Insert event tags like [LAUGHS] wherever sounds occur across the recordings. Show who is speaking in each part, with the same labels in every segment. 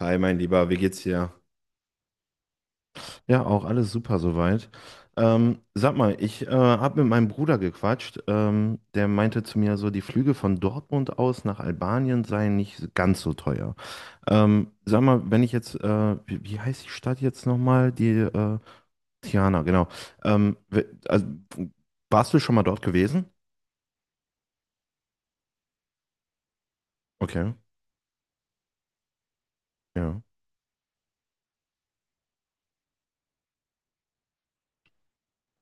Speaker 1: Hi, mein Lieber, wie geht's dir? Ja, auch alles super soweit. Sag mal, ich habe mit meinem Bruder gequatscht. Der meinte zu mir so, die Flüge von Dortmund aus nach Albanien seien nicht ganz so teuer. Sag mal, wenn ich jetzt, wie heißt die Stadt jetzt nochmal? Die Tirana, genau. Also, warst du schon mal dort gewesen? Okay, ja.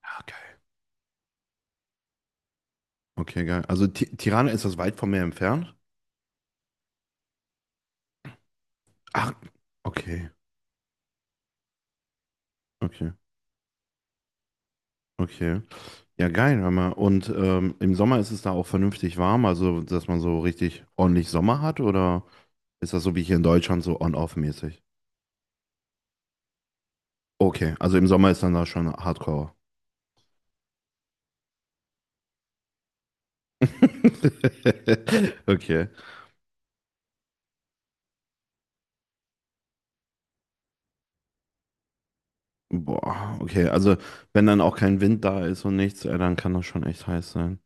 Speaker 1: Ah, geil. Okay, geil. Also Tirana, ist das weit von mir entfernt? Ach, okay, okay. Okay. Ja, geil, hör mal. Und im Sommer ist es da auch vernünftig warm, also dass man so richtig ordentlich Sommer hat, oder ist das so wie hier in Deutschland so on-off-mäßig? Okay, also im Sommer ist dann da schon Hardcore. [LAUGHS] Okay. Boah, okay. Also wenn dann auch kein Wind da ist und nichts, dann kann das schon echt heiß sein.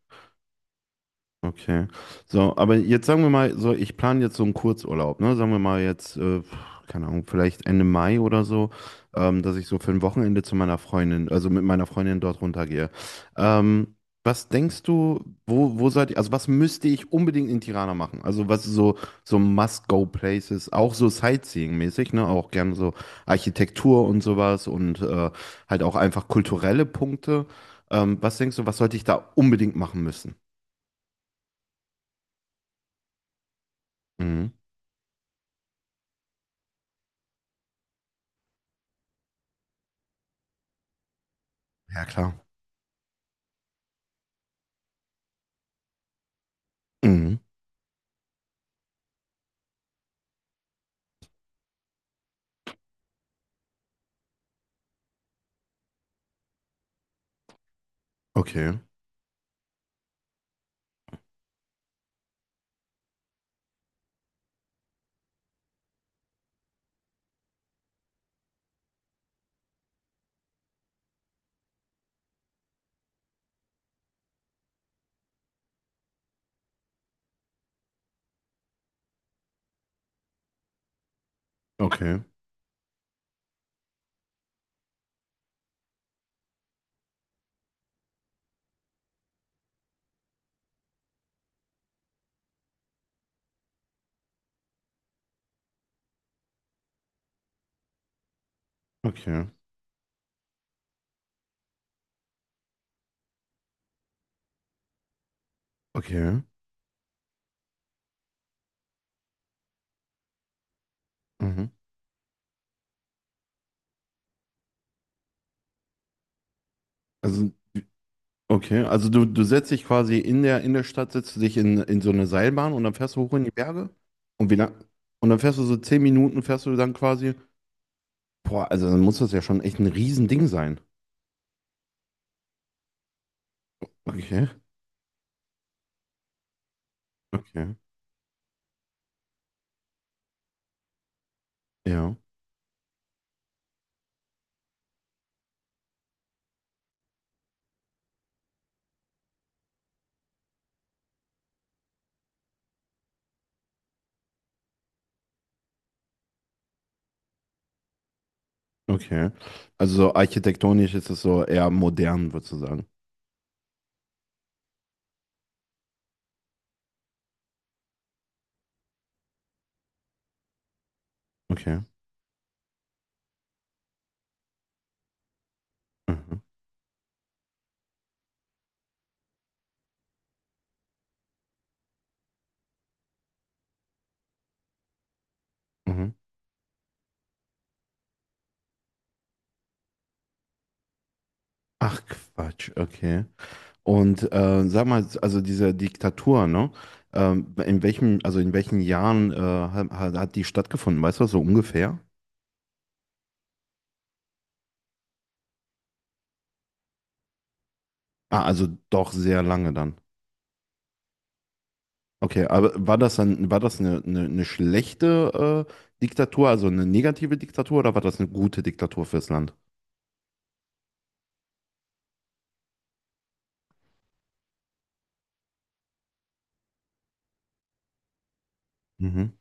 Speaker 1: Okay. So, aber jetzt sagen wir mal, so, ich plane jetzt so einen Kurzurlaub, ne? Sagen wir mal jetzt, keine Ahnung, vielleicht Ende Mai oder so, dass ich so für ein Wochenende zu meiner Freundin, also mit meiner Freundin dort runtergehe. Ähm, Was denkst du, wo seid ihr, also was müsste ich unbedingt in Tirana machen? Also was so, so Must-Go-Places, auch so Sightseeing-mäßig, ne? Auch gerne so Architektur und sowas und halt auch einfach kulturelle Punkte. Was denkst du, was sollte ich da unbedingt machen müssen? Mhm. Ja, klar. Mhm. Okay, okay, okay, okay. Mhm. Also, okay, also du setzt dich quasi in der Stadt, setzt du dich in so eine Seilbahn und dann fährst du hoch in die Berge. Und wie lang, und dann fährst du so zehn Minuten, fährst du dann quasi. Boah, also dann muss das ja schon echt ein Riesending sein. Okay, okay, ja, okay. Also so architektonisch ist es so eher modern, würdest du sagen. Okay. Mhm. Mhm. Ach Quatsch, okay. Und sag mal, also diese Diktatur, ne? In welchem, also in welchen Jahren hat, hat die stattgefunden? Weißt du das so ungefähr? Ah, also doch sehr lange dann. Okay, aber war das dann, war das eine schlechte Diktatur, also eine negative Diktatur, oder war das eine gute Diktatur fürs Land? Mhm.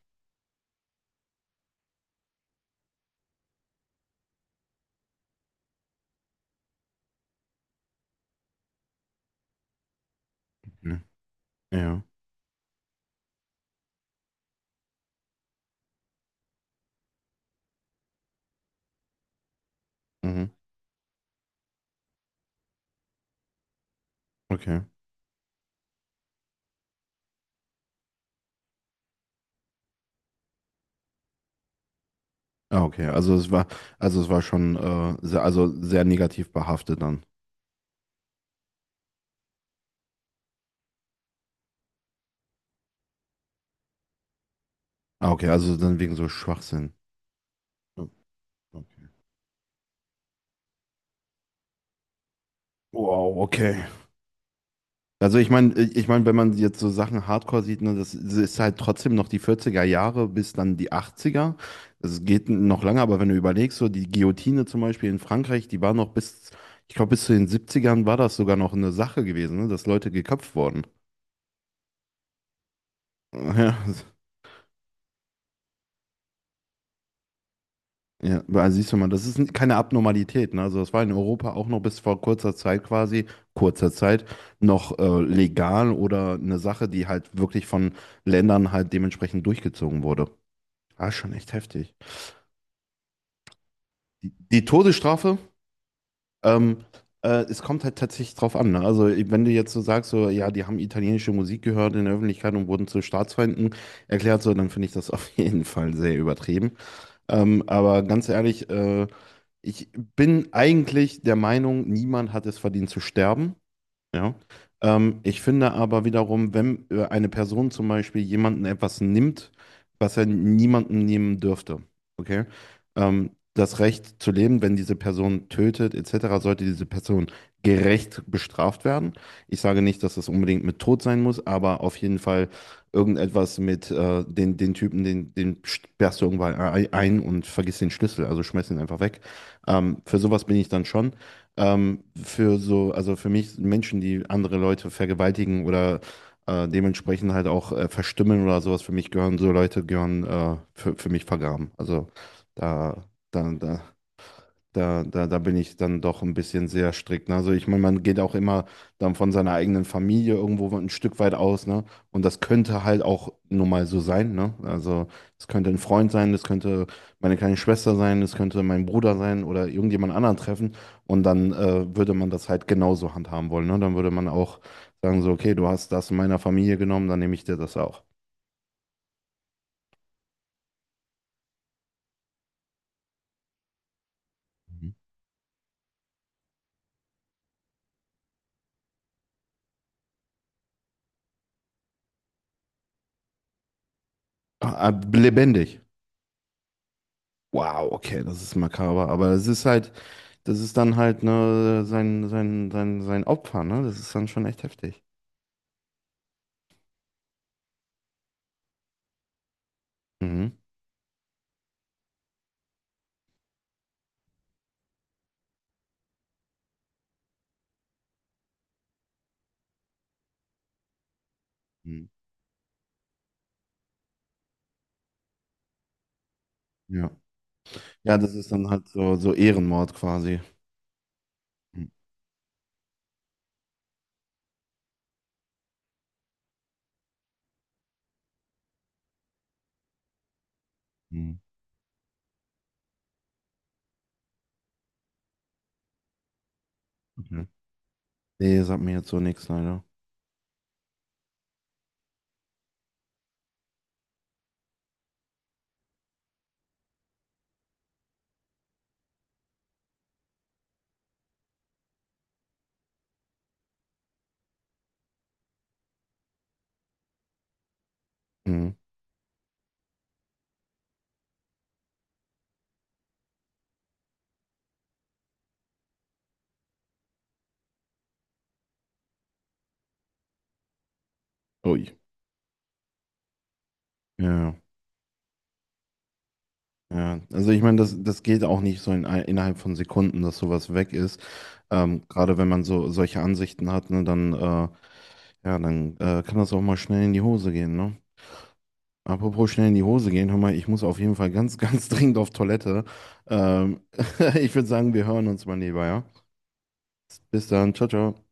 Speaker 1: Mhm. Ja. Mhm. Okay. Ah, okay. Also es war schon sehr, also sehr negativ behaftet dann. Ah, okay, also dann wegen so Schwachsinn. Okay. Wow, okay. Also ich meine, wenn man jetzt so Sachen Hardcore sieht, ne, das ist halt trotzdem noch die 40er Jahre bis dann die 80er. Das geht noch lange, aber wenn du überlegst, so die Guillotine zum Beispiel in Frankreich, die war noch bis, ich glaube, bis zu den 70ern war das sogar noch eine Sache gewesen, ne, dass Leute geköpft wurden. [LAUGHS] Ja, ja, also siehst du mal, das ist keine Abnormalität, ne? Also das war in Europa auch noch bis vor kurzer Zeit quasi, kurzer Zeit, noch legal oder eine Sache, die halt wirklich von Ländern halt dementsprechend durchgezogen wurde. Ah, schon echt heftig. Die, die Todesstrafe, ähm, es kommt halt tatsächlich drauf an. Ne? Also, wenn du jetzt so sagst, so, ja, die haben italienische Musik gehört in der Öffentlichkeit und wurden zu Staatsfeinden erklärt, so, dann finde ich das [LAUGHS] auf jeden Fall sehr übertrieben. Aber ganz ehrlich, ich bin eigentlich der Meinung, niemand hat es verdient zu sterben. Ja. Ich finde aber wiederum, wenn eine Person zum Beispiel jemanden etwas nimmt, was er niemandem nehmen dürfte, okay? Das Recht zu leben, wenn diese Person tötet, etc., sollte diese Person gerecht bestraft werden. Ich sage nicht, dass das unbedingt mit Tod sein muss, aber auf jeden Fall irgendetwas mit den, den Typen, den, den sperrst du irgendwann ein und vergiss den Schlüssel, also schmeiß ihn einfach weg. Für sowas bin ich dann schon für so, also für mich Menschen, die andere Leute vergewaltigen oder dementsprechend halt auch verstümmeln oder sowas, für mich gehören so Leute, gehören für mich vergraben. Also da, da, da da bin ich dann doch ein bisschen sehr strikt. Ne? Also ich meine, man geht auch immer dann von seiner eigenen Familie irgendwo ein Stück weit aus, ne? Und das könnte halt auch nun mal so sein, ne? Also es könnte ein Freund sein, das könnte meine kleine Schwester sein, das könnte mein Bruder sein oder irgendjemand anderen treffen. Und dann würde man das halt genauso handhaben wollen, ne? Dann würde man auch sagen so, okay, du hast das in meiner Familie genommen, dann nehme ich dir das auch. Mhm. Ah, ah, lebendig. Wow, okay, das ist makaber, aber es ist halt, das ist dann halt ne, sein Opfer, ne? Das ist dann schon echt heftig. Mhm. Mhm. Ja. Ja, das ist dann halt so, so Ehrenmord quasi. Mhm. Mhm. Okay. Nee, sagt mir jetzt so nichts, leider. Mhm. Ui. Ja, ja. Ja, also ich meine, das, das geht auch nicht so in, innerhalb von Sekunden, dass sowas weg ist. Gerade wenn man so solche Ansichten hat, ne, dann, ja, dann kann das auch mal schnell in die Hose gehen, ne? Apropos schnell in die Hose gehen, hör mal, ich muss auf jeden Fall ganz, ganz [LAUGHS] dringend auf Toilette. Ähm, [LAUGHS] Ich würde sagen, wir hören uns mal lieber, ja? Bis dann, ciao, ciao.